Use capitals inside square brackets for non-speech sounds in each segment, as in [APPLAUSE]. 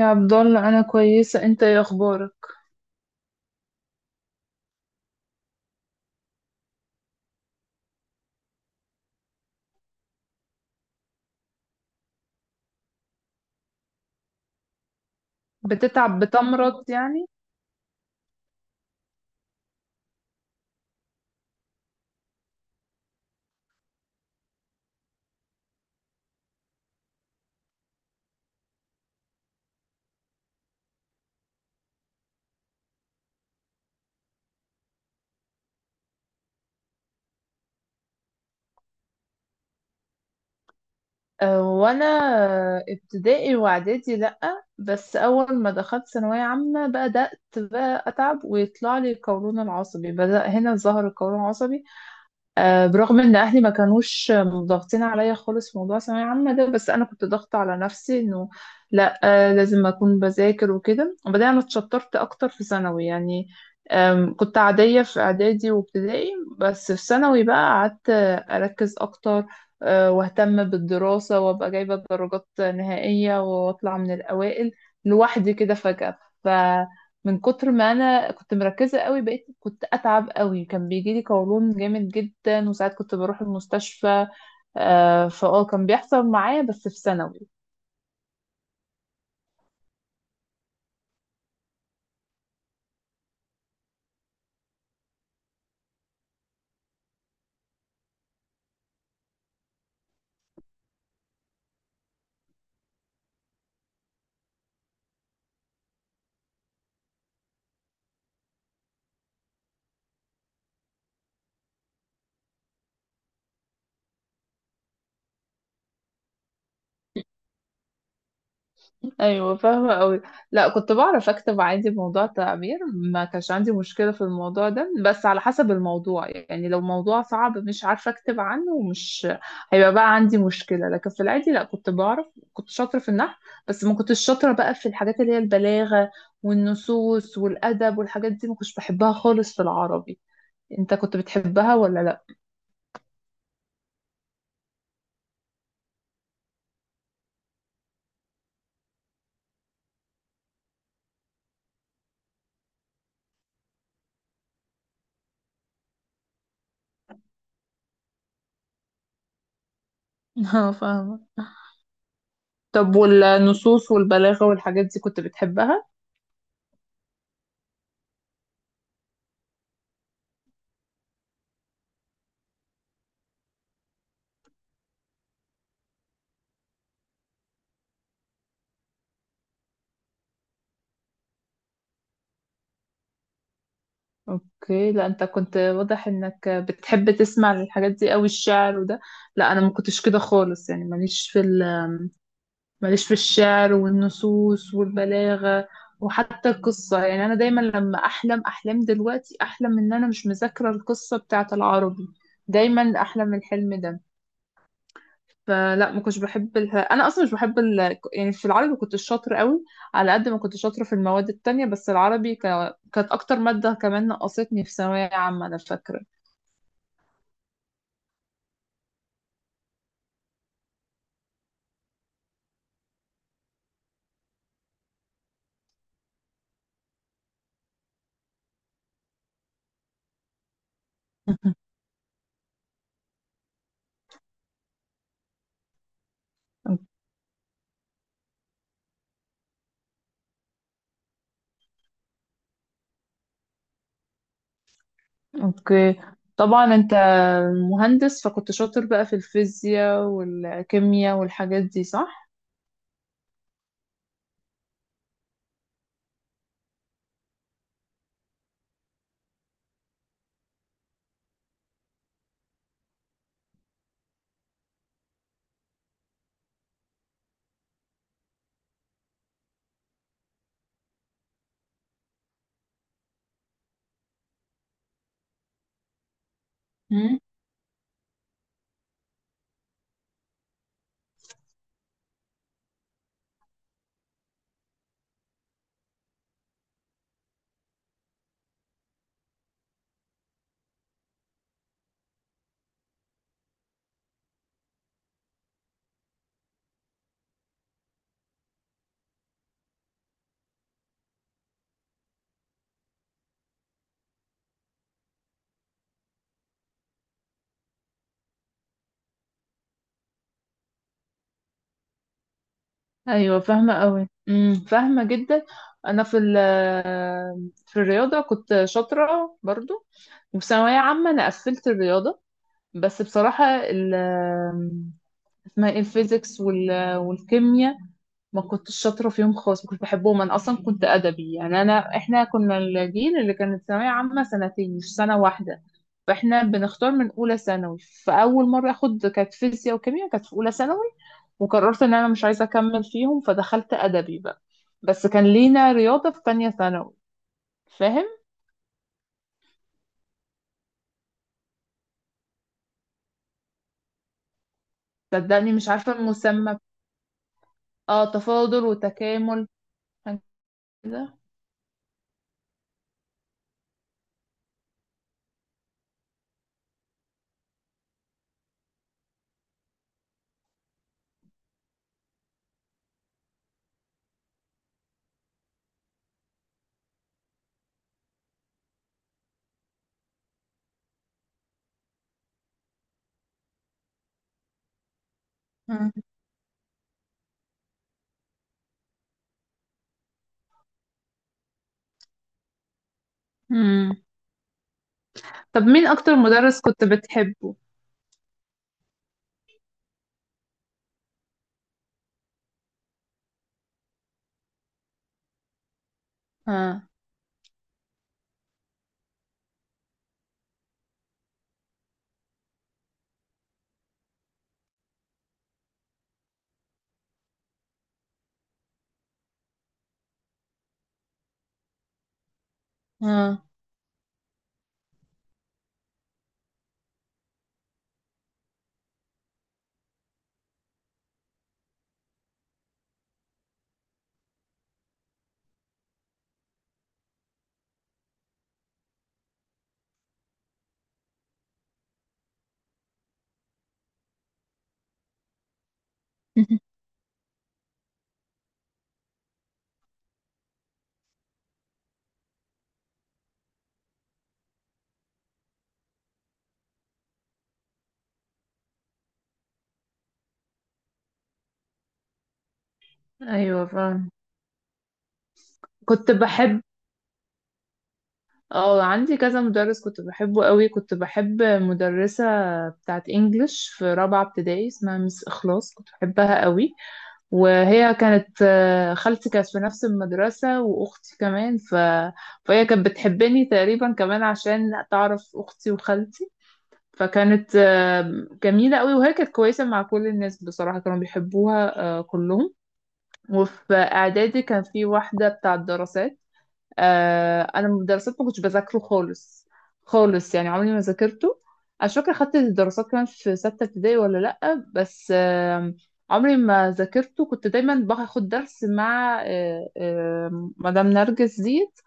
يا عبد الله، انا كويسه. انت ايه اخبارك؟ بتتعب، بتمرض يعني؟ أه، وانا ابتدائي واعدادي لا. بس اول ما دخلت ثانويه عامه بدات بقى اتعب ويطلع لي قولون العصبي، بدا هنا ظهر القولون العصبي. برغم ان اهلي ما كانوش ضاغطين عليا خالص في موضوع ثانويه عامه ده، بس انا كنت ضاغطه على نفسي انه لا، لازم اكون بذاكر وكده. وبعدين انا اتشطرت اكتر في ثانوي يعني. كنت عاديه في اعدادي وابتدائي. بس في ثانوي بقى قعدت، اركز اكتر، واهتم بالدراسه وابقى جايبه درجات نهائيه واطلع من الاوائل لوحدي كده فجاه. من كتر ما انا كنت مركزه قوي بقيت كنت اتعب قوي، كان بيجي لي قولون جامد جدا وساعات كنت بروح المستشفى. آه، فاه كان بيحصل معايا بس في ثانوي. ايوه، فاهمه قوي. لا، كنت بعرف اكتب عادي بموضوع التعبير، ما كانش عندي مشكله في الموضوع ده، بس على حسب الموضوع. يعني لو موضوع صعب مش عارفه اكتب عنه ومش هيبقى بقى عندي مشكله، لكن في العادي لا، كنت بعرف. كنت شاطره في النحو، بس ما كنتش شاطره بقى في الحاجات اللي هي البلاغه والنصوص والادب والحاجات دي، ما كنتش بحبها خالص في العربي. انت كنت بتحبها ولا لا؟ [LAUGHS] اه، فاهمة. طب والنصوص والبلاغه والحاجات دي كنت بتحبها؟ اوكي. لا، انت كنت واضح انك بتحب تسمع الحاجات دي قوي، الشعر وده. لا، انا ما كنتش كده خالص. يعني ماليش في الشعر والنصوص والبلاغة. وحتى القصة، يعني انا دايما لما احلم احلام دلوقتي احلم ان انا مش مذاكرة القصة بتاعة العربي. دايما احلم الحلم ده. فلا، ما كنتش بحب انا اصلا مش بحب يعني في العربي كنت شاطرة قوي، على قد ما كنت شاطرة في المواد التانية، بس العربي كانت اكتر مادة كمان نقصتني في ثانوية عامة، انا فاكرة. اوكي. طبعا انت مهندس، فكنت شاطر بقى في الفيزياء والكيمياء والحاجات دي، صح؟ مم. ايوه، فاهمه قوي. فاهمه جدا. انا في الرياضه كنت شاطره برضو. وفي ثانويه عامه انا قفلت الرياضه. بس بصراحه، اسمها ايه، الفيزيكس والكيمياء، ما كنتش شاطرة فيهم خالص، ما كنتش بحبهم. أنا أصلا كنت أدبي. يعني إحنا كنا الجيل اللي كانت ثانوية عامة سنتين مش سنة واحدة. فإحنا بنختار من أولى ثانوي. فأول مرة أخد كانت فيزياء وكيمياء، كانت في أولى ثانوي. وقررت إن أنا مش عايزة أكمل فيهم، فدخلت أدبي بقى. بس كان لينا رياضة في تانية ثانوي، فاهم؟ صدقني مش عارفة المسمى. اه، تفاضل وتكامل، حاجة كده. مم. مم. طب مين أكتر مدرس كنت بتحبه؟ ها. ها. [LAUGHS] أيوة، فاهم. كنت بحب. اه، عندي كذا مدرس كنت بحبه قوي. كنت بحب مدرسة بتاعت انجلش في رابعة ابتدائي، اسمها مس اخلاص، كنت بحبها قوي. وهي كانت، خالتي كانت في نفس المدرسة واختي كمان فهي كانت بتحبني تقريبا كمان عشان تعرف اختي وخالتي. فكانت جميلة قوي، وهي كانت كويسة مع كل الناس بصراحة، كانوا بيحبوها كلهم. وفي اعدادي كان في واحدة بتاعت دراسات. انا الدراسات ما كنتش بذاكره خالص، خالص. يعني عمري ما ذاكرته. انا مش فاكره خدت الدراسات كمان في سته ابتدائي ولا لا، بس. عمري ما ذاكرته. كنت دايما باخد درس مع مدام نرجس ديت،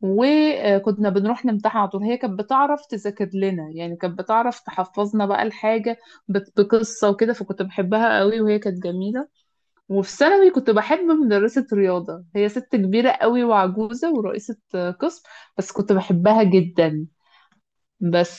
وكنا بنروح نمتحن على طول. هي كانت بتعرف تذاكر لنا، يعني كانت بتعرف تحفظنا بقى الحاجه بقصه وكده، فكنت بحبها قوي، وهي كانت جميله. وفي ثانوي كنت بحب مدرسة رياضة، هي ست كبيرة قوي وعجوزة ورئيسة قسم، بس كنت بحبها جدا، بس.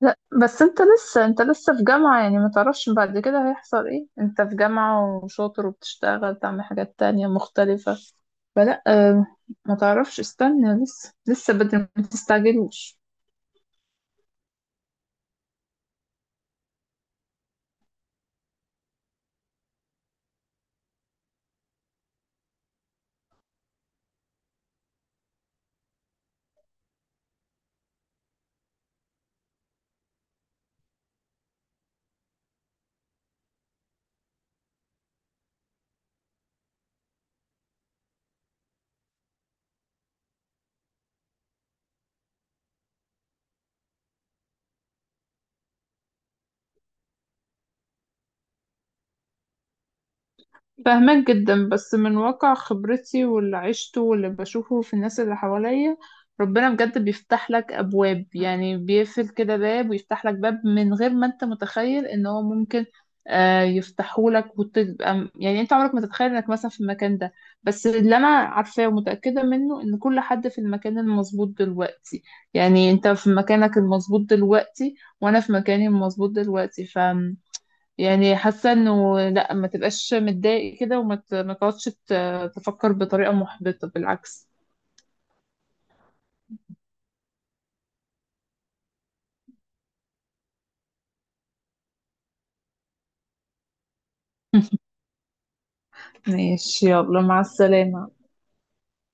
لا، بس انت لسه في جامعة، يعني ما تعرفش بعد كده هيحصل ايه. انت في جامعة وشاطر وبتشتغل، تعمل حاجات تانية مختلفة. فلا، ما تعرفش، استنى لسه، لسه بدري، ما تستعجلوش. فاهمك جدا، بس من واقع خبرتي واللي عشته واللي بشوفه في الناس اللي حواليا، ربنا بجد بيفتح لك أبواب. يعني بيقفل كده باب ويفتح لك باب من غير ما انت متخيل ان هو ممكن يفتحه لك. وتبقى يعني انت عمرك ما تتخيل انك مثلا في المكان ده. بس اللي انا عارفاه ومتأكدة منه ان كل حد في المكان المظبوط دلوقتي، يعني انت في مكانك المظبوط دلوقتي وانا في مكاني المظبوط دلوقتي، ف يعني حاسه انه لا، ما تبقاش متضايق كده وما ما تقعدش تفكر بطريقه محبطه، بالعكس. [LAUGHS] ماشي، يلا مع السلامه.